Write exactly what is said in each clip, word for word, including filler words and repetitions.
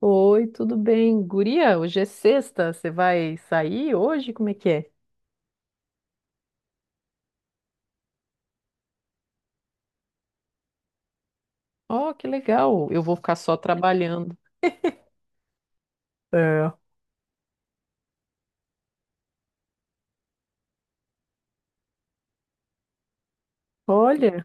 Oi, tudo bem? Guria, hoje é sexta, você vai sair hoje? Como é que é? Oh, que legal, eu vou ficar só trabalhando. É. Olha,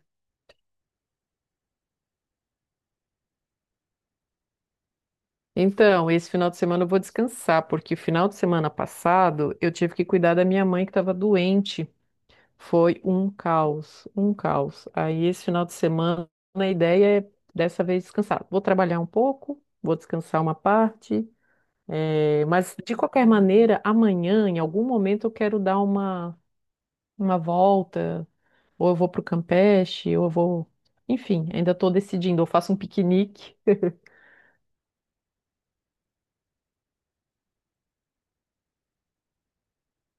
então, esse final de semana eu vou descansar, porque o final de semana passado eu tive que cuidar da minha mãe que estava doente. Foi um caos, um caos. Aí esse final de semana a ideia é dessa vez descansar. Vou trabalhar um pouco, vou descansar uma parte, eh, mas de qualquer maneira, amanhã, em algum momento, eu quero dar uma uma volta, ou eu vou pro Campeche, ou eu vou. Enfim, ainda estou decidindo. Eu faço um piquenique.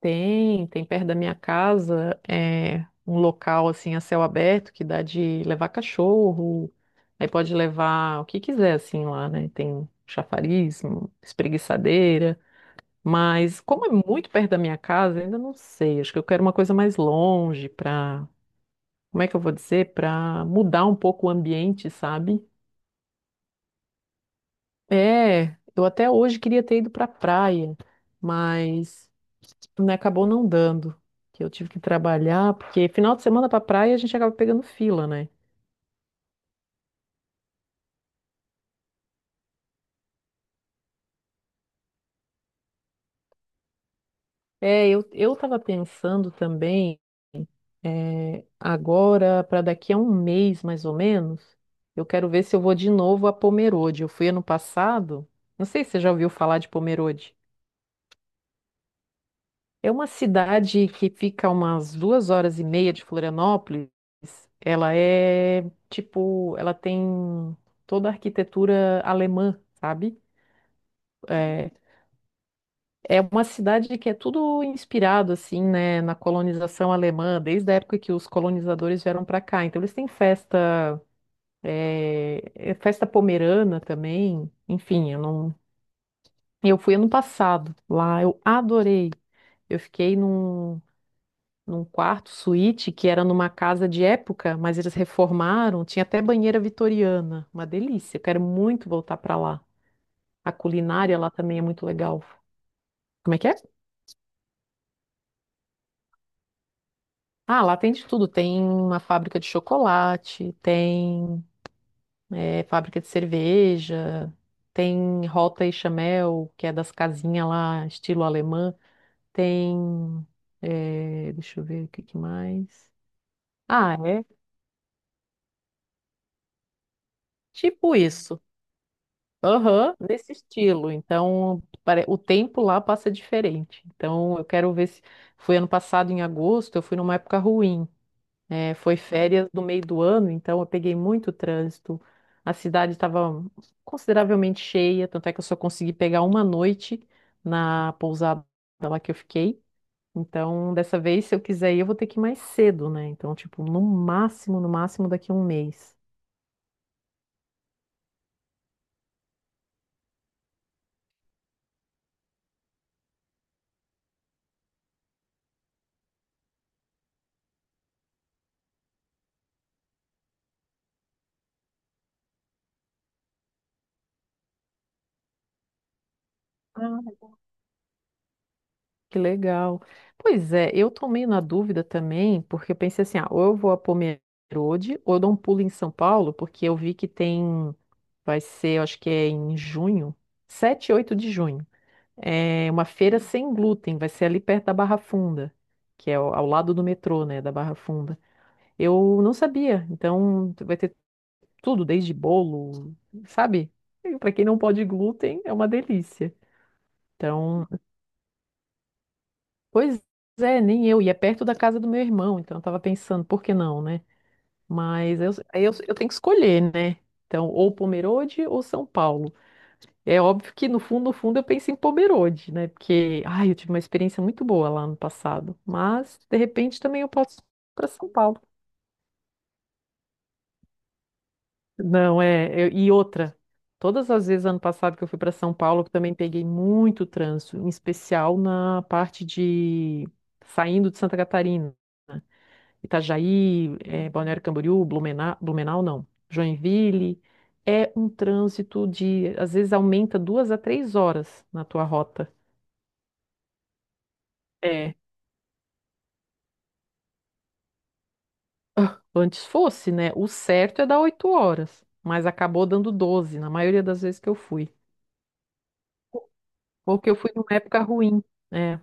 Tem, tem perto da minha casa, é um local assim a céu aberto que dá de levar cachorro. Aí pode levar o que quiser assim lá, né? Tem chafariz, espreguiçadeira. Mas como é muito perto da minha casa, ainda não sei. Acho que eu quero uma coisa mais longe para, como é que eu vou dizer, para mudar um pouco o ambiente, sabe? É, eu até hoje queria ter ido pra praia, mas tipo, né, acabou não dando, que eu tive que trabalhar, porque final de semana pra praia a gente acaba pegando fila, né? É, eu, eu tava pensando também, é, agora, para daqui a um mês mais ou menos, eu quero ver se eu vou de novo a Pomerode. Eu fui ano passado, não sei se você já ouviu falar de Pomerode. É uma cidade que fica umas duas horas e meia de Florianópolis. Ela é tipo, ela tem toda a arquitetura alemã, sabe? É, é uma cidade que é tudo inspirado assim, né, na colonização alemã, desde a época que os colonizadores vieram para cá. Então eles têm festa, é, é festa pomerana também. Enfim, eu não, eu fui ano passado lá, eu adorei. Eu fiquei num num quarto suíte que era numa casa de época, mas eles reformaram, tinha até banheira vitoriana, uma delícia. Eu quero muito voltar para lá. A culinária lá também é muito legal. Como é que é? Ah, lá tem de tudo. Tem uma fábrica de chocolate, tem eh, fábrica de cerveja, tem Rota e Chamel, que é das casinhas lá, estilo alemã. Tem, eh, deixa eu ver o que que mais. Ah, é tipo isso. Aham, nesse estilo. Então, pare- o tempo lá passa diferente. Então, eu quero ver se. Foi ano passado, em agosto, eu fui numa época ruim. Né? Foi férias do meio do ano, então eu peguei muito trânsito. A cidade estava consideravelmente cheia, tanto é que eu só consegui pegar uma noite na pousada lá que eu fiquei. Então, dessa vez, se eu quiser ir, eu vou ter que ir mais cedo, né? Então, tipo, no máximo, no máximo daqui a um mês. Que legal. Pois é, eu tô meio na dúvida também, porque eu pensei assim, ah, ou eu vou a Pomerode, ou eu dou um pulo em São Paulo, porque eu vi que tem, vai ser, eu acho que é em junho, sete e oito de junho, é uma feira sem glúten, vai ser ali perto da Barra Funda, que é ao, ao lado do metrô, né, da Barra Funda. Eu não sabia, então vai ter tudo, desde bolo, sabe? Para quem não pode glúten, é uma delícia. Então, pois é, nem eu. E é perto da casa do meu irmão, então eu tava pensando, por que não, né? Mas eu, aí eu, eu tenho que escolher, né? Então, ou Pomerode ou São Paulo. É óbvio que no fundo, no fundo, eu penso em Pomerode, né? Porque, ai, eu tive uma experiência muito boa lá no passado. Mas, de repente, também eu posso ir para São Paulo. Não, é. eu- e outra, todas as vezes ano passado que eu fui para São Paulo, eu também peguei muito trânsito, em especial na parte de saindo de Santa Catarina. Itajaí, eh, Balneário Camboriú, Blumenau, Blumenau não, Joinville, é um trânsito de, às vezes aumenta duas a três horas na tua rota. É. Ah, antes fosse, né? O certo é dar oito horas, mas acabou dando doze na maioria das vezes que eu fui. Ou que eu fui numa época ruim. É,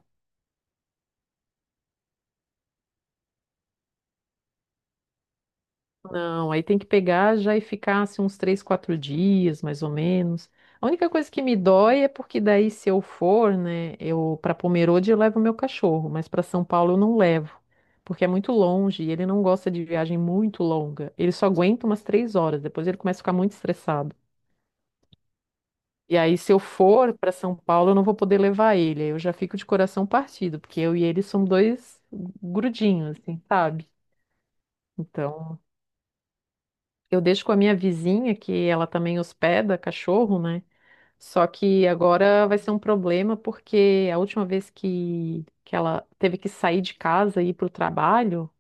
não, aí tem que pegar já e ficar assim, uns três, quatro dias, mais ou menos. A única coisa que me dói é porque daí se eu for, né, eu para Pomerode eu levo meu cachorro, mas para São Paulo eu não levo, porque é muito longe e ele não gosta de viagem muito longa. Ele só aguenta umas três horas, depois ele começa a ficar muito estressado. E aí se eu for para São Paulo eu não vou poder levar ele, aí eu já fico de coração partido, porque eu e ele somos dois grudinhos, assim, sabe? Então eu deixo com a minha vizinha, que ela também hospeda cachorro, né? Só que agora vai ser um problema porque a última vez que, que ela teve que sair de casa e ir para o trabalho,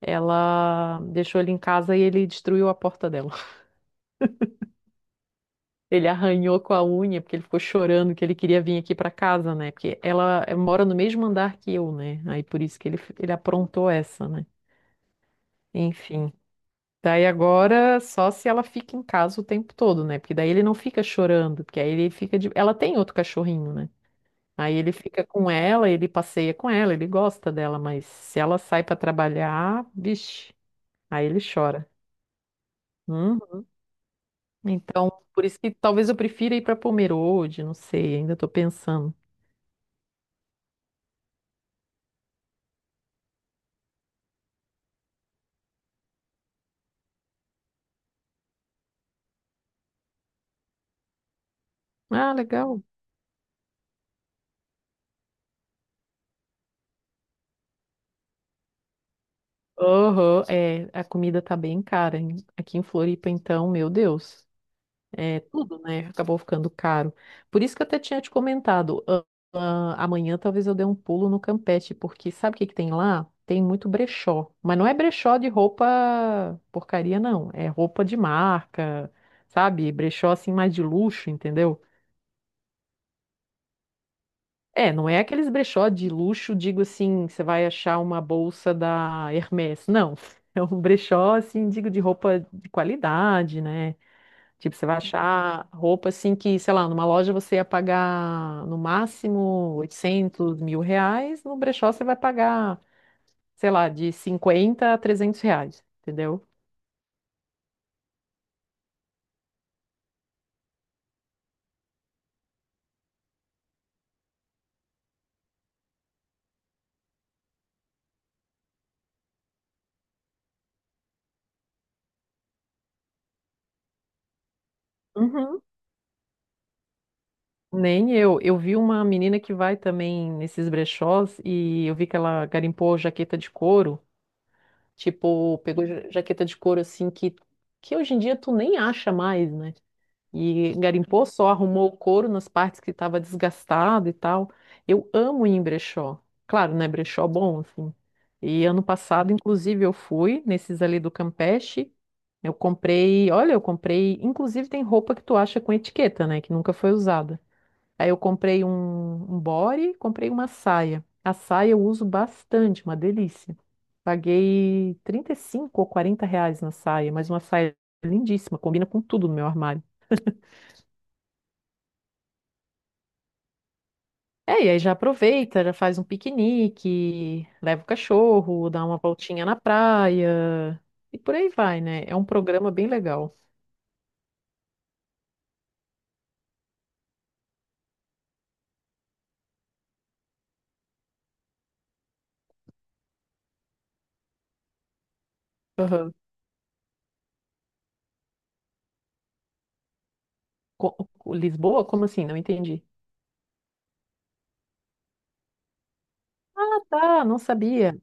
ela deixou ele em casa e ele destruiu a porta dela. Ele arranhou com a unha porque ele ficou chorando que ele queria vir aqui para casa, né? Porque ela eh, mora no mesmo andar que eu, né? Aí por isso que ele, ele aprontou essa, né? Enfim. Daí agora, só se ela fica em casa o tempo todo, né? Porque daí ele não fica chorando, porque aí ele fica de... Ela tem outro cachorrinho, né? Aí ele fica com ela, ele passeia com ela, ele gosta dela, mas se ela sai pra trabalhar, vixe, aí ele chora. Hum? Então, por isso que talvez eu prefira ir pra Pomerode, não sei, ainda tô pensando. Ah, legal. Aham, é, a comida tá bem cara, hein? Aqui em Floripa, então, meu Deus. É, tudo, né? Acabou ficando caro. Por isso que eu até tinha te comentado, ah, ah, amanhã talvez eu dê um pulo no Campeche, porque sabe o que que tem lá? Tem muito brechó. Mas não é brechó de roupa porcaria, não. É roupa de marca, sabe? Brechó assim mais de luxo, entendeu? É, não é aqueles brechó de luxo, digo assim, você vai achar uma bolsa da Hermès. Não. É um brechó, assim, digo, de roupa de qualidade, né? Tipo, você vai achar roupa assim que, sei lá, numa loja você ia pagar no máximo oitocentos mil reais, no brechó você vai pagar, sei lá, de cinquenta a trezentos reais, entendeu? Uhum. Nem eu. Eu vi uma menina que vai também nesses brechós e eu vi que ela garimpou jaqueta de couro. Tipo, pegou ja- jaqueta de couro assim que, que hoje em dia tu nem acha mais, né? E garimpou só, arrumou o couro nas partes que estava desgastado e tal. Eu amo ir em brechó. Claro, né? Brechó bom, assim. E ano passado, inclusive, eu fui nesses ali do Campeche. Eu comprei, olha, eu comprei. Inclusive, tem roupa que tu acha com etiqueta, né? Que nunca foi usada. Aí eu comprei um, um body, comprei uma saia. A saia eu uso bastante, uma delícia. Paguei trinta e cinco ou quarenta reais na saia, mas uma saia lindíssima, combina com tudo no meu armário. É, e aí já aproveita, já faz um piquenique, leva o cachorro, dá uma voltinha na praia e por aí vai, né? É um programa bem legal. Aham. Co- Lisboa? Como assim? Não entendi. Ah, tá, não sabia.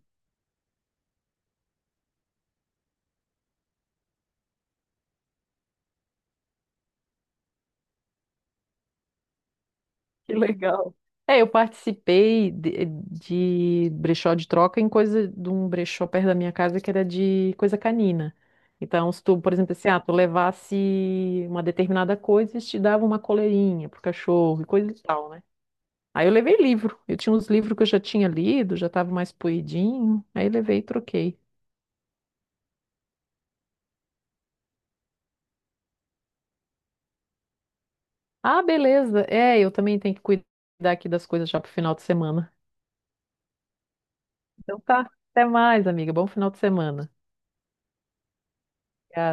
Que legal. É, eu participei de, de, brechó de troca em coisa de um brechó perto da minha casa que era de coisa canina. Então, se tu, por exemplo, assim, ah, tu levasse uma determinada coisa, eles te davam uma coleirinha pro cachorro e coisa e tal, né? Aí eu levei livro. Eu tinha uns livros que eu já tinha lido, já tava mais poidinho. Aí levei e troquei. Ah, beleza. É, eu também tenho que cuidar aqui das coisas já pro final de semana. Então tá. Até mais, amiga. Bom final de semana. Tchau.